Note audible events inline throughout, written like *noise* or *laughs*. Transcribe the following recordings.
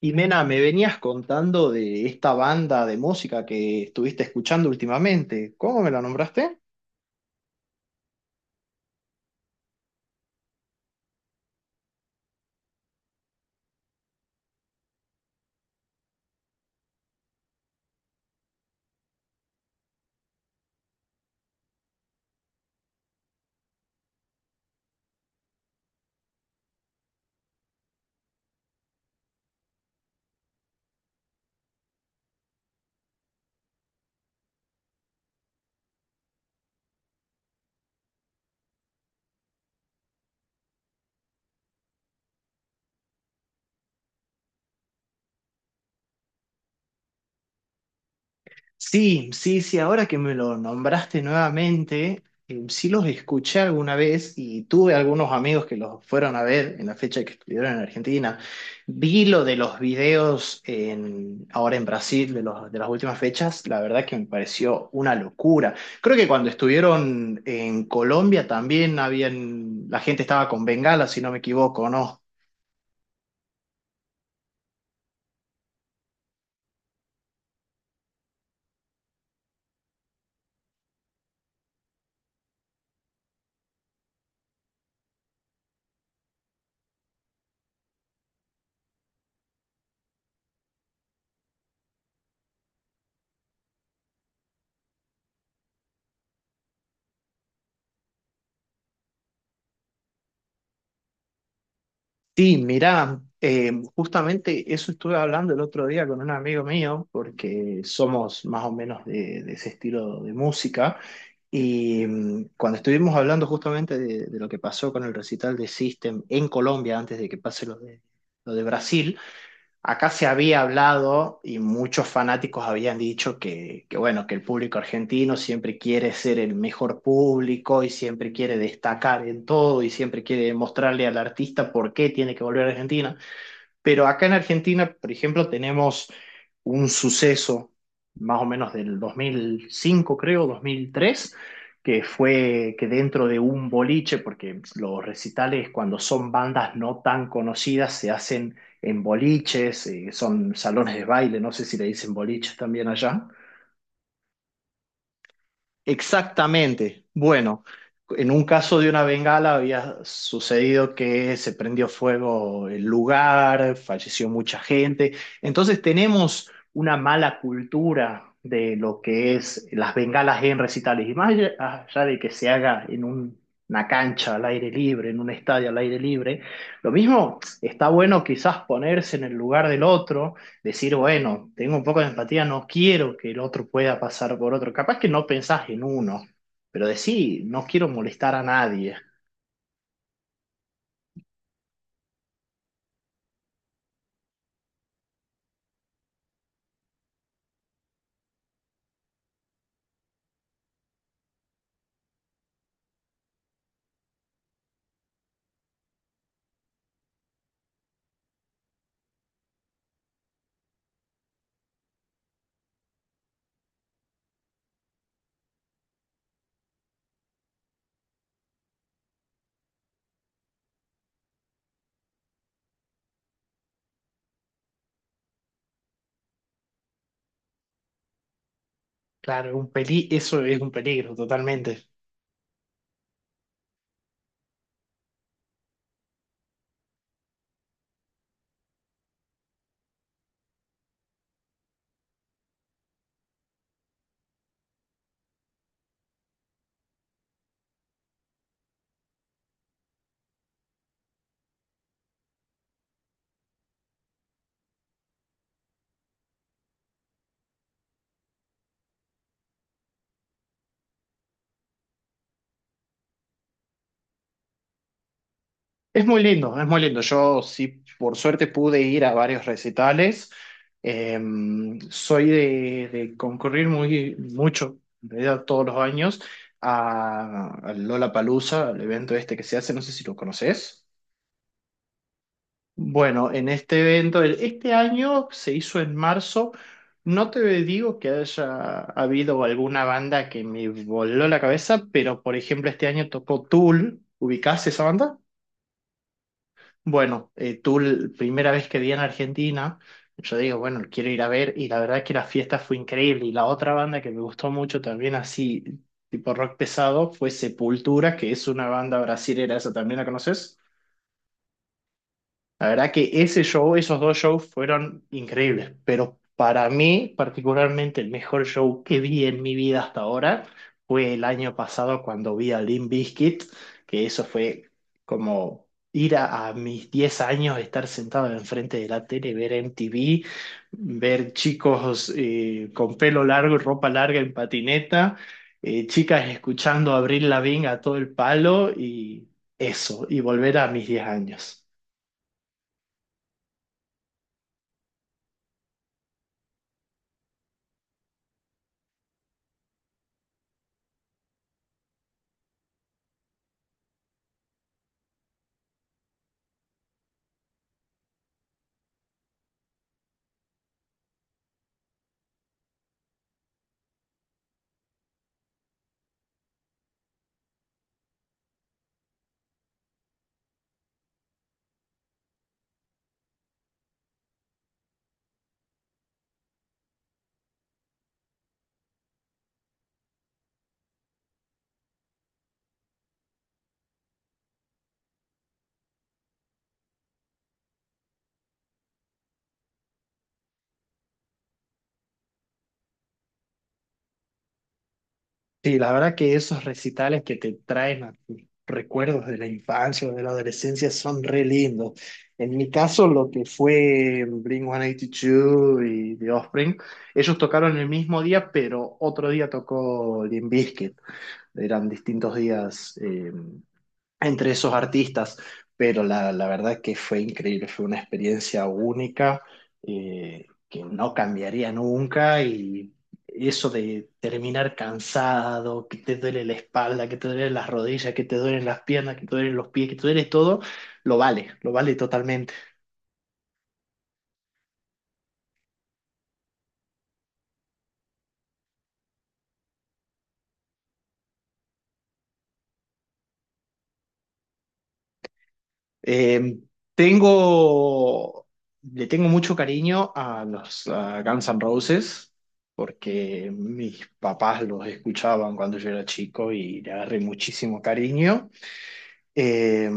Y Mena, me venías contando de esta banda de música que estuviste escuchando últimamente. ¿Cómo me la nombraste? Sí, sí, sí, ahora que me lo nombraste nuevamente, sí los escuché alguna vez y tuve algunos amigos que los fueron a ver en la fecha que estuvieron en Argentina. Vi lo de los videos en, ahora en Brasil de los, de las últimas fechas, la verdad que me pareció una locura. Creo que cuando estuvieron en Colombia también habían, la gente estaba con bengala, si no me equivoco, ¿no? Sí, mirá, justamente eso estuve hablando el otro día con un amigo mío, porque somos más o menos de, ese estilo de música, y cuando estuvimos hablando justamente de, lo que pasó con el recital de System en Colombia antes de que pase lo de Brasil. Acá se había hablado y muchos fanáticos habían dicho que, bueno, que el público argentino siempre quiere ser el mejor público y siempre quiere destacar en todo y siempre quiere mostrarle al artista por qué tiene que volver a Argentina. Pero acá en Argentina, por ejemplo, tenemos un suceso más o menos del 2005, creo, 2003, que fue que dentro de un boliche, porque los recitales cuando son bandas no tan conocidas se hacen en boliches, son salones de baile, no sé si le dicen boliches también allá. Exactamente. Bueno, en un caso de una bengala había sucedido que se prendió fuego el lugar, falleció mucha gente. Entonces tenemos una mala cultura de lo que es las bengalas en recitales. Y más allá de que se haga en una cancha al aire libre, en un estadio al aire libre, lo mismo está bueno quizás ponerse en el lugar del otro decir, bueno, tengo un poco de empatía, no quiero que el otro pueda pasar por otro. Capaz que no pensás en uno, pero decir, no quiero molestar a nadie. Claro, un peli, eso es un peligro totalmente. Es muy lindo, es muy lindo. Yo sí, por suerte pude ir a varios recitales. Eh, soy de concurrir muy mucho, en realidad todos los años, a, Lola Lollapalooza, al evento este que se hace, no sé si lo conoces. Bueno, en este evento, este año se hizo en marzo. No te digo que haya habido alguna banda que me voló la cabeza, pero por ejemplo este año tocó Tool. ¿Ubicás esa banda? Bueno, Tool, primera vez que vi en Argentina, yo digo, bueno, quiero ir a ver y la verdad que la fiesta fue increíble. Y la otra banda que me gustó mucho también así, tipo rock pesado, fue Sepultura, que es una banda brasilera, ¿esa también la conoces? La verdad que ese show, esos dos shows fueron increíbles, pero para mí particularmente el mejor show que vi en mi vida hasta ahora fue el año pasado cuando vi a Limp Bizkit, que eso fue como ir a mis 10 años, estar sentado enfrente de la tele, ver MTV, ver chicos con pelo largo y ropa larga en patineta, chicas escuchando a Avril Lavigne a todo el palo y eso, y volver a mis 10 años. Sí, la verdad que esos recitales que te traen a tus recuerdos de la infancia o de la adolescencia son re lindos. En mi caso, lo que fue Blink-182 y The Offspring, ellos tocaron el mismo día, pero otro día tocó Limp Bizkit. Eran distintos días. Entre esos artistas, pero la verdad que fue increíble, fue una experiencia única que no cambiaría nunca y eso de terminar cansado, que te duele la espalda, que te duelen las rodillas, que te duelen las piernas, que te duelen los pies, que te duele todo, lo vale totalmente. Eh, tengo, le tengo mucho cariño a los a Guns N' Roses porque mis papás los escuchaban cuando yo era chico y le agarré muchísimo cariño. Eh,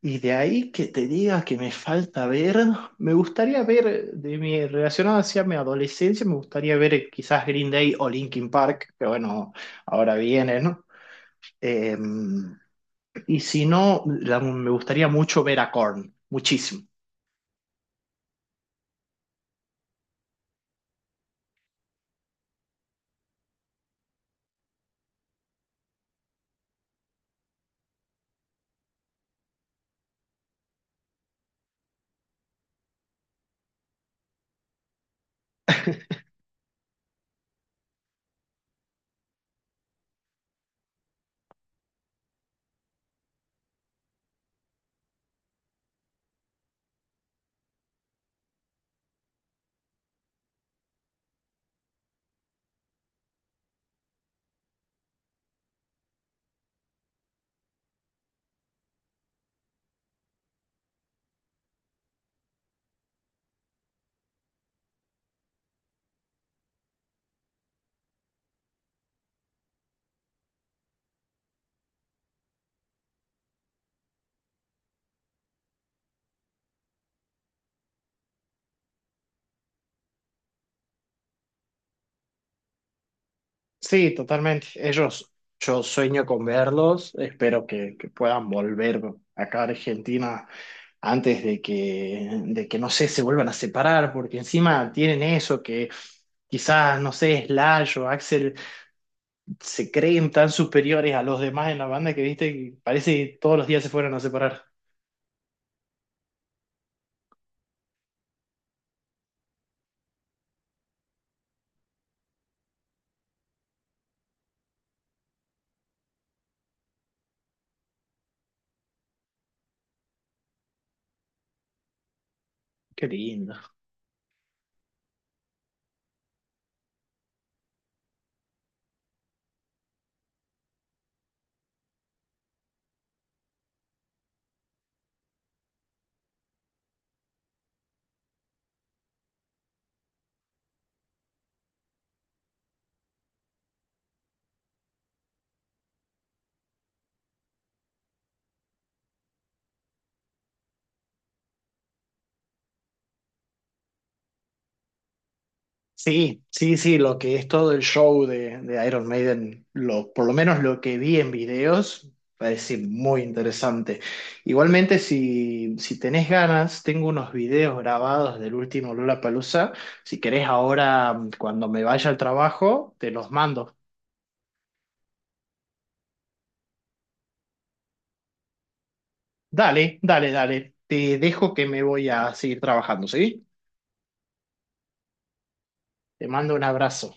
y de ahí que te diga que me falta ver, me gustaría ver, relacionado hacia mi adolescencia, me gustaría ver quizás Green Day o Linkin Park, que bueno, ahora viene, ¿no? Eh, y si no, me gustaría mucho ver a Korn, muchísimo. *laughs* Sí, totalmente. Ellos, yo sueño con verlos. Espero que puedan volver acá a Argentina antes de que, no sé, se vuelvan a separar, porque encima tienen eso que quizás, no sé, Slash o Axel se creen tan superiores a los demás en la banda que, viste, que parece que todos los días se fueran a separar. Qué lindo. Sí, sí, sí, lo que es todo el show de Iron Maiden, lo, por lo menos lo que vi en videos, parece muy interesante. Igualmente, si, si tenés ganas, tengo unos videos grabados del último Lollapalooza. Si querés ahora, cuando me vaya al trabajo, te los mando. Dale, dale, dale. Te dejo que me voy a seguir trabajando, ¿sí? Te mando un abrazo.